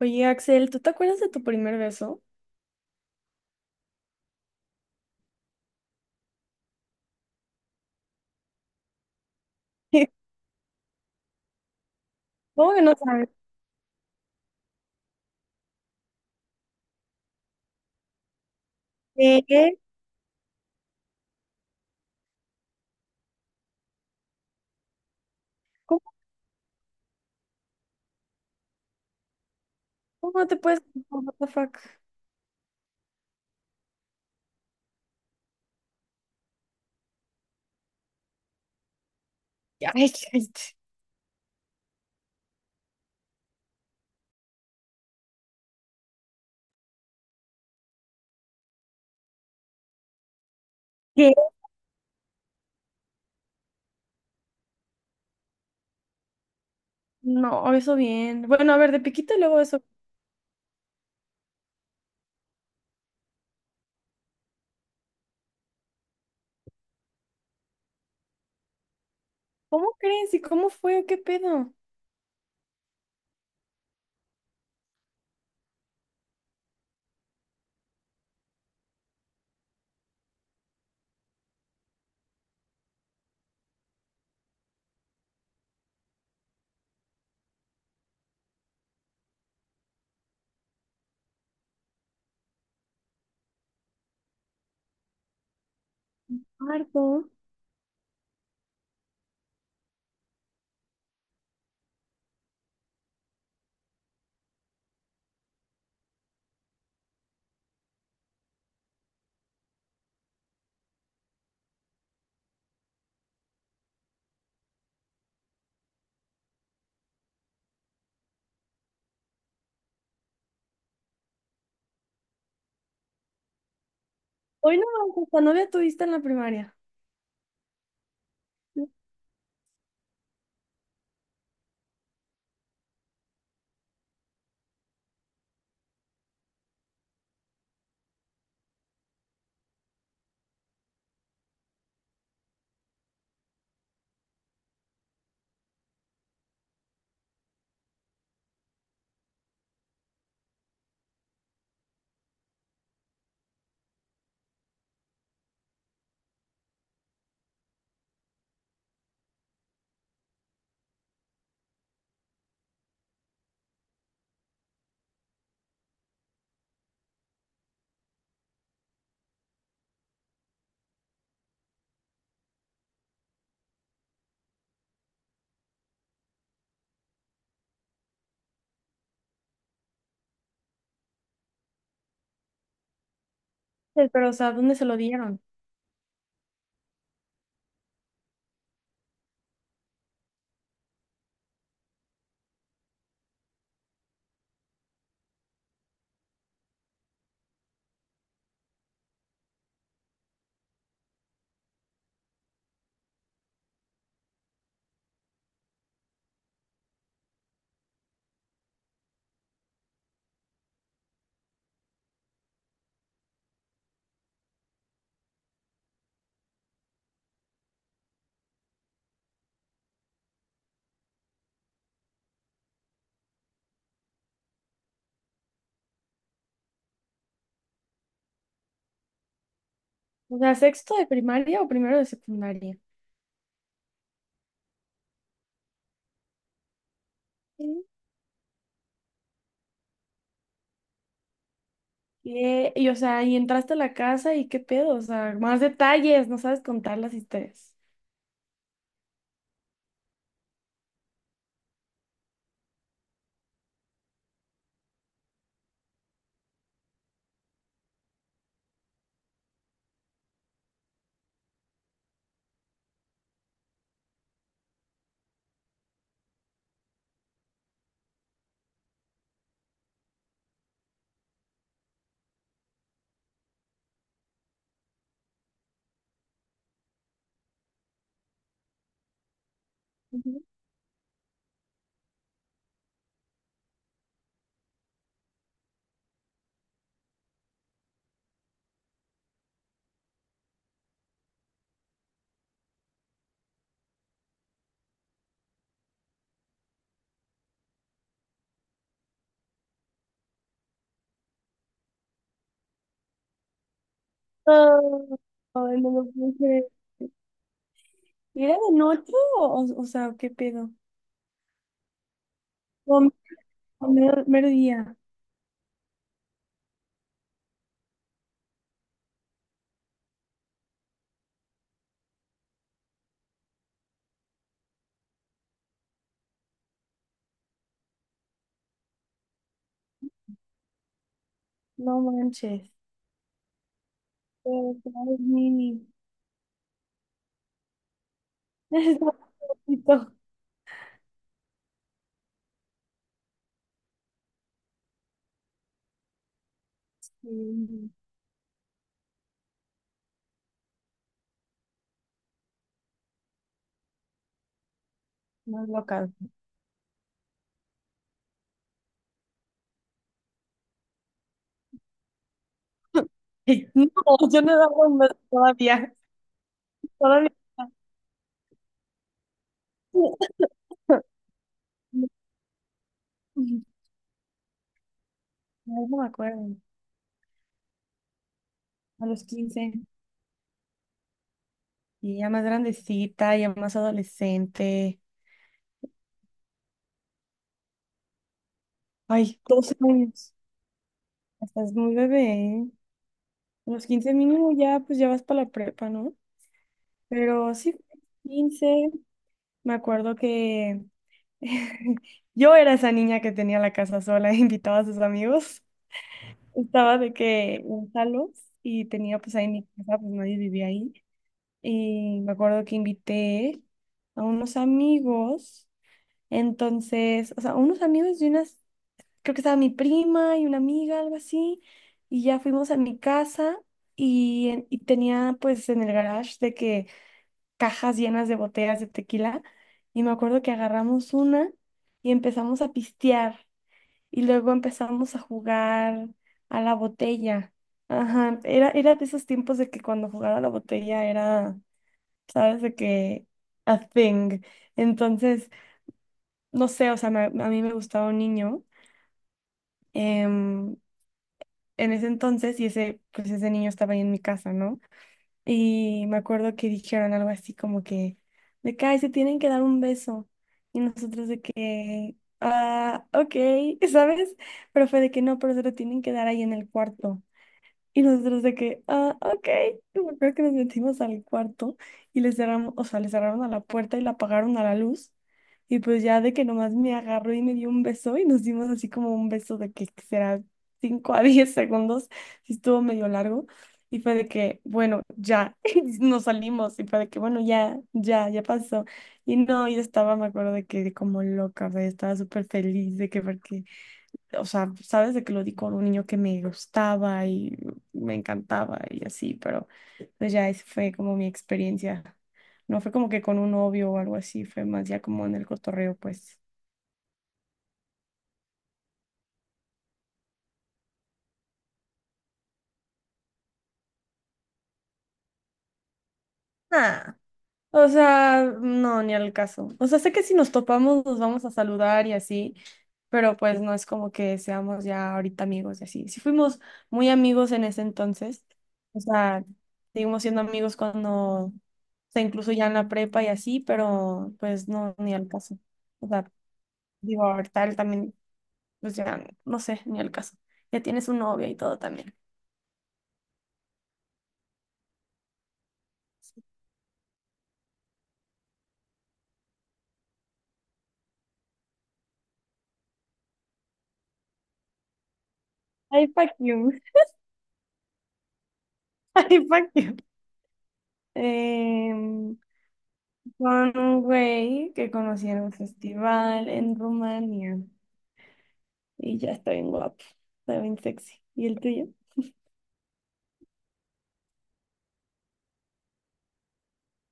Oye, Axel, ¿tú te acuerdas de tu primer beso? ¿Cómo que no sabes? ¿Qué? ¿Cómo, cómo no te puedes... No, what the fuck? Ya, ay, ay, ¿Qué? No, eso bien. Bueno, a ver, de piquito y luego eso. ¿Cómo crees? ¿Y cómo fue? ¿O qué pedo? Harto. Hoy no, hasta novia tuviste en la primaria. No sé, pero, o sea, ¿dónde se lo dieron? O sea, ¿sexto de primaria o primero de secundaria? Sí. ¿Qué? Y, o sea, ¿y entraste a la casa y qué pedo? O sea, más detalles, no sabes contar las historias. No, no lo puedo creer. ¿Era de noche o sea, ¿qué pedo? No, mero, mero día. No manches. Pero claro, es mini. Es un poquito. Mm. Más local. No, yo no daba un beso todavía. Todavía. No, no me acuerdo. A los 15. Y ya más grandecita, ya más adolescente. Ay, 12 años. Estás muy bebé. ¿Eh? Unos 15 mínimo ya, pues ya vas para la prepa, ¿no? Pero sí, 15. Me acuerdo que yo era esa niña que tenía la casa sola, invitaba a sus amigos. Estaba de que en salos y tenía pues ahí mi casa, pues nadie vivía ahí. Y me acuerdo que invité a unos amigos. Entonces, o sea, unos amigos de una, creo que estaba mi prima y una amiga, algo así, y ya fuimos a mi casa y, y tenía pues en el garage de que cajas llenas de botellas de tequila y me acuerdo que agarramos una y empezamos a pistear y luego empezamos a jugar a la botella. Ajá, era, era de esos tiempos de que cuando jugaba a la botella era, sabes, de que a thing. Entonces, no sé, o sea, a mí me gustaba un niño. em, en ese entonces y ese, pues ese niño estaba ahí en mi casa, ¿no? Y me acuerdo que dijeron algo así como que, de que, ay, se tienen que dar un beso. Y nosotros de que, ah, ok, ¿sabes? Pero fue de que no, pero se lo tienen que dar ahí en el cuarto. Y nosotros de que, ah, ok. Y me acuerdo que nos metimos al cuarto y les cerramos, o sea, le cerraron a la puerta y la apagaron a la luz. Y pues ya de que nomás me agarró y me dio un beso y nos dimos así como un beso de que será 5 a 10 segundos, sí estuvo medio largo. Y fue de que, bueno, ya, y nos salimos. Y fue de que, bueno, ya, ya, ya pasó. Y no, yo estaba, me acuerdo de que como loca, o sea, yo estaba súper feliz de que porque o sea, sabes de que lo di con un niño que me gustaba y me encantaba y así, pero pues ya esa fue como mi experiencia. No fue como que con un novio o algo así, fue más ya como en el cotorreo, pues. Ah. O sea, no, ni al caso. O sea, sé que si nos topamos nos vamos a saludar y así, pero pues no es como que seamos ya ahorita amigos y así. Sí fuimos muy amigos en ese entonces. O sea, seguimos siendo amigos cuando, o sea, incluso ya en la prepa y así, pero pues no, ni al caso. O sea, digo, ahorita él también, pues ya, no sé, ni al caso. Ya tiene su novia y todo también. Ay, fuck you. Ay, fuck you. Con un güey que conocí en un festival en Rumania. Y ya está bien guapo, está bien sexy. ¿Y el tuyo?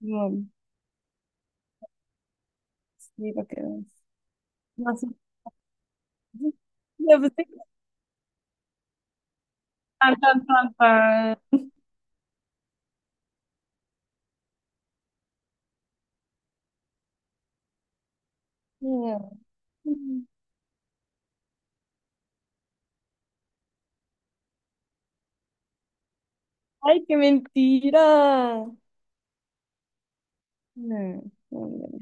No, sí, para que veas. No sé. Ya, pues, sí. Tan, tan, tan, tan. Mm. Ay, qué mentira. No, no, no. No.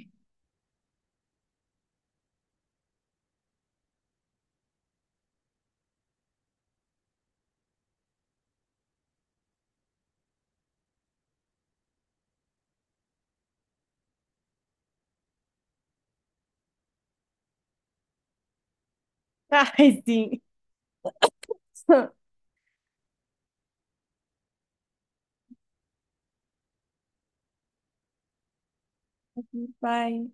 Ay, sí. Bye.